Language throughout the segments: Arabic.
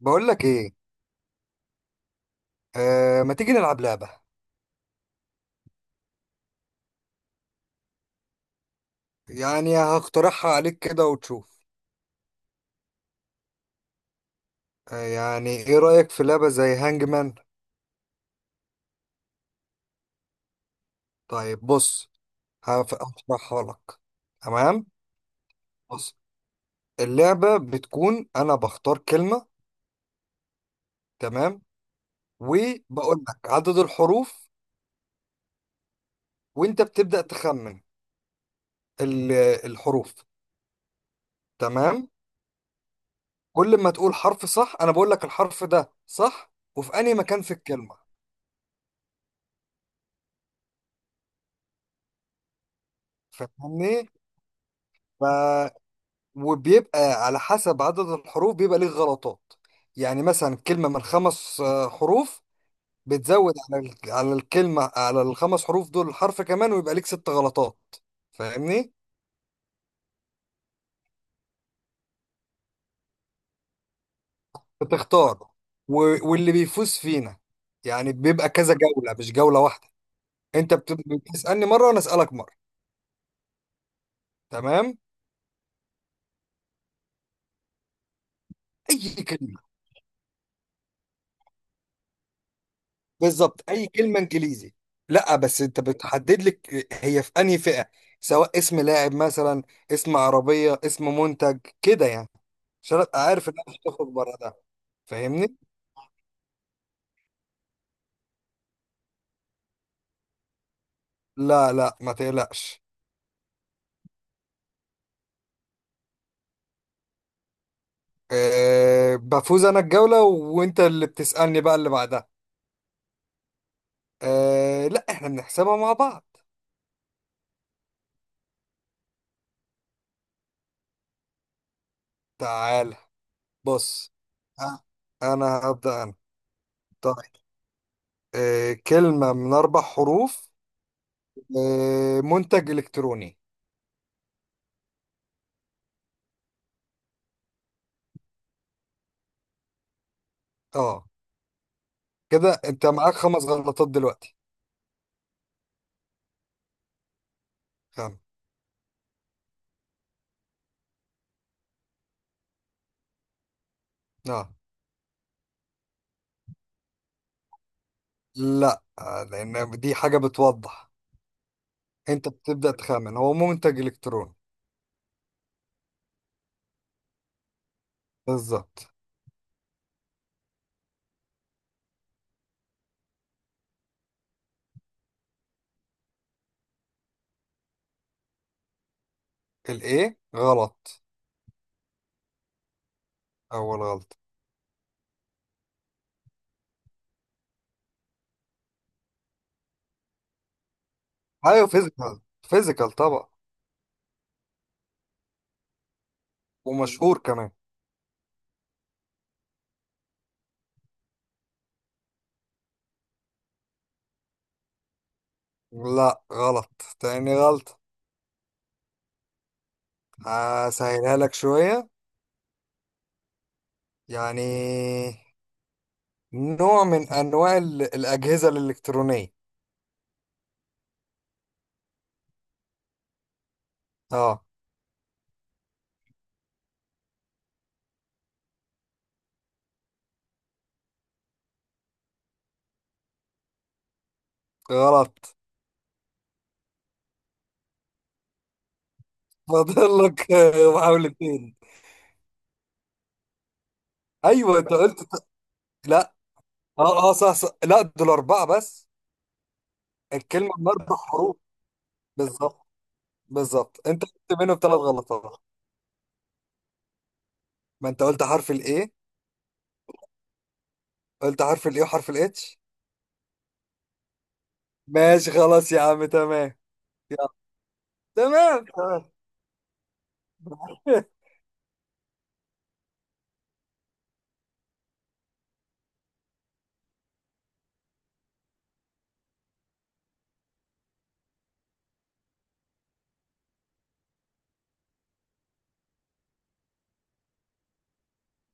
بقول لك ايه. آه، ما تيجي نلعب لعبة؟ يعني هقترحها عليك كده وتشوف. آه، يعني ايه رأيك في لعبة زي هانج مان؟ طيب بص، هشرحها لك. تمام. بص، اللعبة بتكون انا بختار كلمة. تمام. وبقول لك عدد الحروف، وانت بتبدأ تخمن ال- الحروف. تمام. كل ما تقول حرف صح انا بقول لك الحرف ده صح وفي انهي مكان في الكلمة. فاهمني؟ وبيبقى على حسب عدد الحروف بيبقى ليه غلطات. يعني مثلا كلمة من خمس حروف، بتزود على على الكلمة، على الخمس حروف دول حرف كمان، ويبقى ليك ست غلطات. فاهمني؟ بتختار. واللي بيفوز فينا، يعني بيبقى كذا جولة مش جولة واحدة. انت بتسألني مرة وانا اسألك مرة. تمام؟ اي كلمة. بالظبط اي كلمه انجليزي. لا بس انت بتحدد لك هي في انهي فئه، سواء اسم لاعب مثلا، اسم عربيه، اسم منتج كده يعني. عشان ابقى عارف ان انا مش هخرج بره ده. فاهمني. لا لا، ما تقلقش. أه، بفوز انا الجوله وانت اللي بتسالني بقى اللي بعدها. أه لا، احنا بنحسبها مع بعض. تعال. بص. ها، انا هبدا انا. طيب. أه، كلمه من اربع حروف. أه، منتج الكتروني. اه. كده انت معاك خمس غلطات دلوقتي. خمن. اه لا، لان دي حاجة بتوضح. انت بتبدأ تخمن هو منتج الكتروني. بالظبط. الايه غلط. اول غلط. ايوه فيزيكال، فيزيكال طبعا. ومشهور كمان. لا غلط، تاني غلط. هسهلها لك شوية. يعني نوع من انواع الاجهزة الالكترونية. اه غلط. فاضل لك محاولتين. ايوه انت قلت. لا اه، اه صح، صح لا دول اربعه بس. الكلمه باربع حروف. بالظبط. بالظبط، انت قلت منهم ثلاث غلطات. ما انت قلت حرف الايه. قلت حرف الايه وحرف الاتش. ماشي خلاص يا عم، تمام. يلا. تمام، تمام.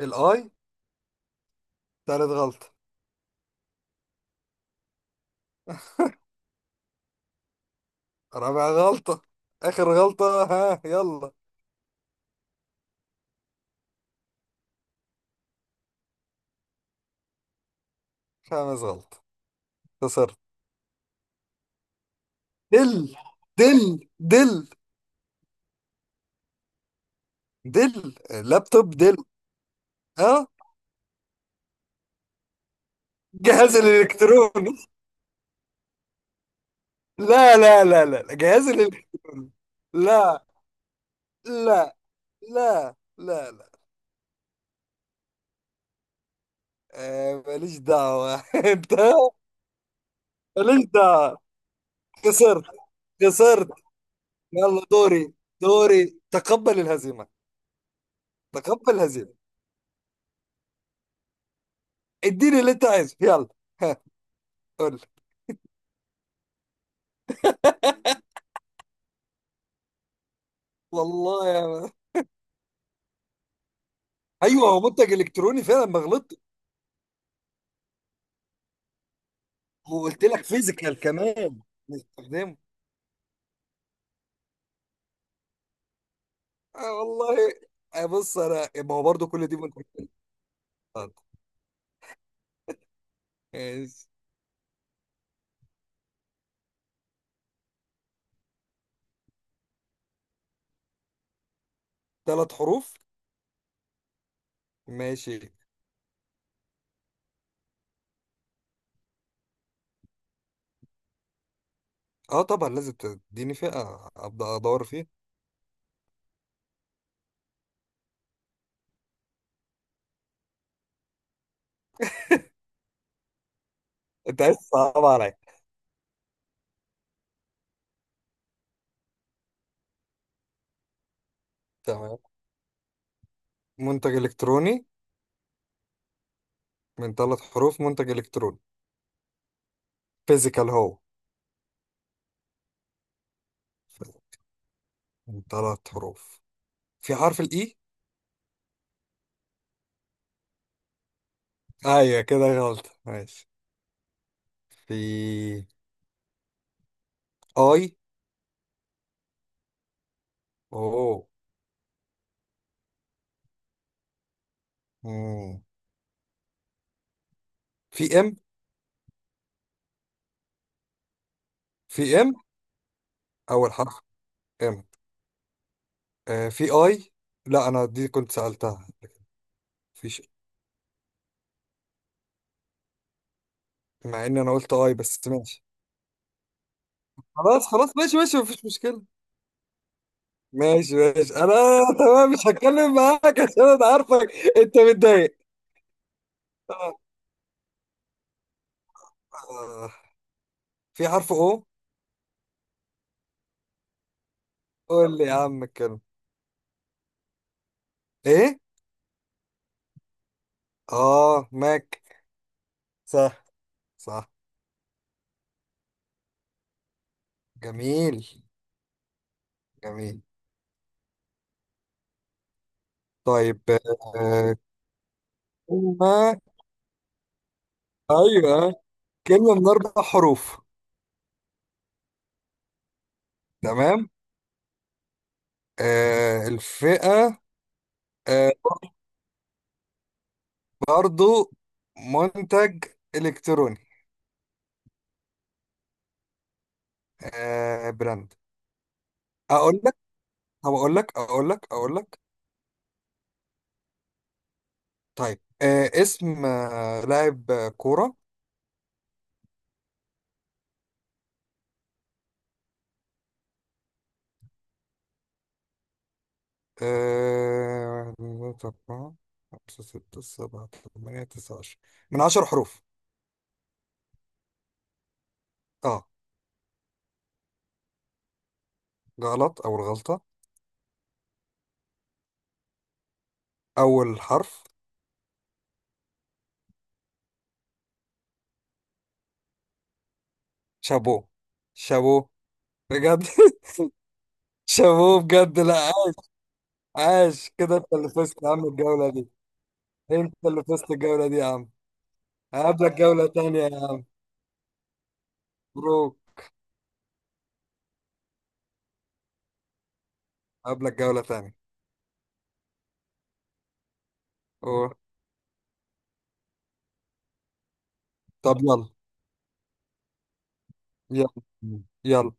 الاي. ثالث غلطه. رابع غلطه، اخر غلطه، ها يلا. خامس غلطه. خسرت. دل. دل. دل. دل. لابتوب دل. اه. جهاز الالكتروني. لا لا لا لا، جهاز الالكتروني. لا لا لا لا لا. آه، ماليش دعوة. انت. ماليش دعوة. خسرت. خسرت. يلا دوري. دوري، تقبل الهزيمة. تقبل الهزيمة. اديني اللي انت عايزه يلا. ها. قول لي. والله يا ما. ايوه هو منتج الكتروني فعلا، ما غلطت. وقلت لك فيزيكال كمان. نستخدمه. آه والله. آه بص، انا ما هو برضه كل دي منتج. طب، ماشي. ثلاث حروف. ماشي. اه طبعا لازم تديني فئة ابدا ادور فيها. انت عايز تصعب عليا. تمام. منتج الكتروني. من ثلاث حروف منتج الكتروني. فيزيكال هو. من ثلاث حروف. في حرف الاي. ايوه كده غلط، ماشي. في. اي. اوه. مم. في ام. في ام اول حرف. ام. في اي. لا انا دي كنت سألتها. فيش. مع ان انا قلت اي بس ماشي. خلاص خلاص، ماشي ماشي، مفيش مشكلة. ماشي ماشي انا. تمام، مش هتكلم معاك عشان انا عارفك. انت متضايق. آه. في حرف او. قول لي يا عم الكلمة. ايه. اه ماك. صح. صح. جميل. جميل. طيب. آه. كلمة. ايوه، كلمة من اربع حروف. تمام. آه، الفئة. آه، برضو منتج الكتروني. آه، براند. اقول لك. طب اقول لك، اقول لك، اقول لك. طيب اسم لاعب كورة. واحد اتنين تلاتة أربعة، خمسة ستة سبعة، تمانية تسعة 10. من 10 حروف. اه غلط، أول غلطة. أول حرف. شابو. شابو. بجد. شابو بجد، لا عاش. عاش كده، انت اللي فزت يا عم الجولة دي. انت اللي فزت الجولة دي يا عم. هقابلك جولة تانية يا عم. مبروك. هقابلك جولة تانية. أوه. طب يلا. يلا يلا.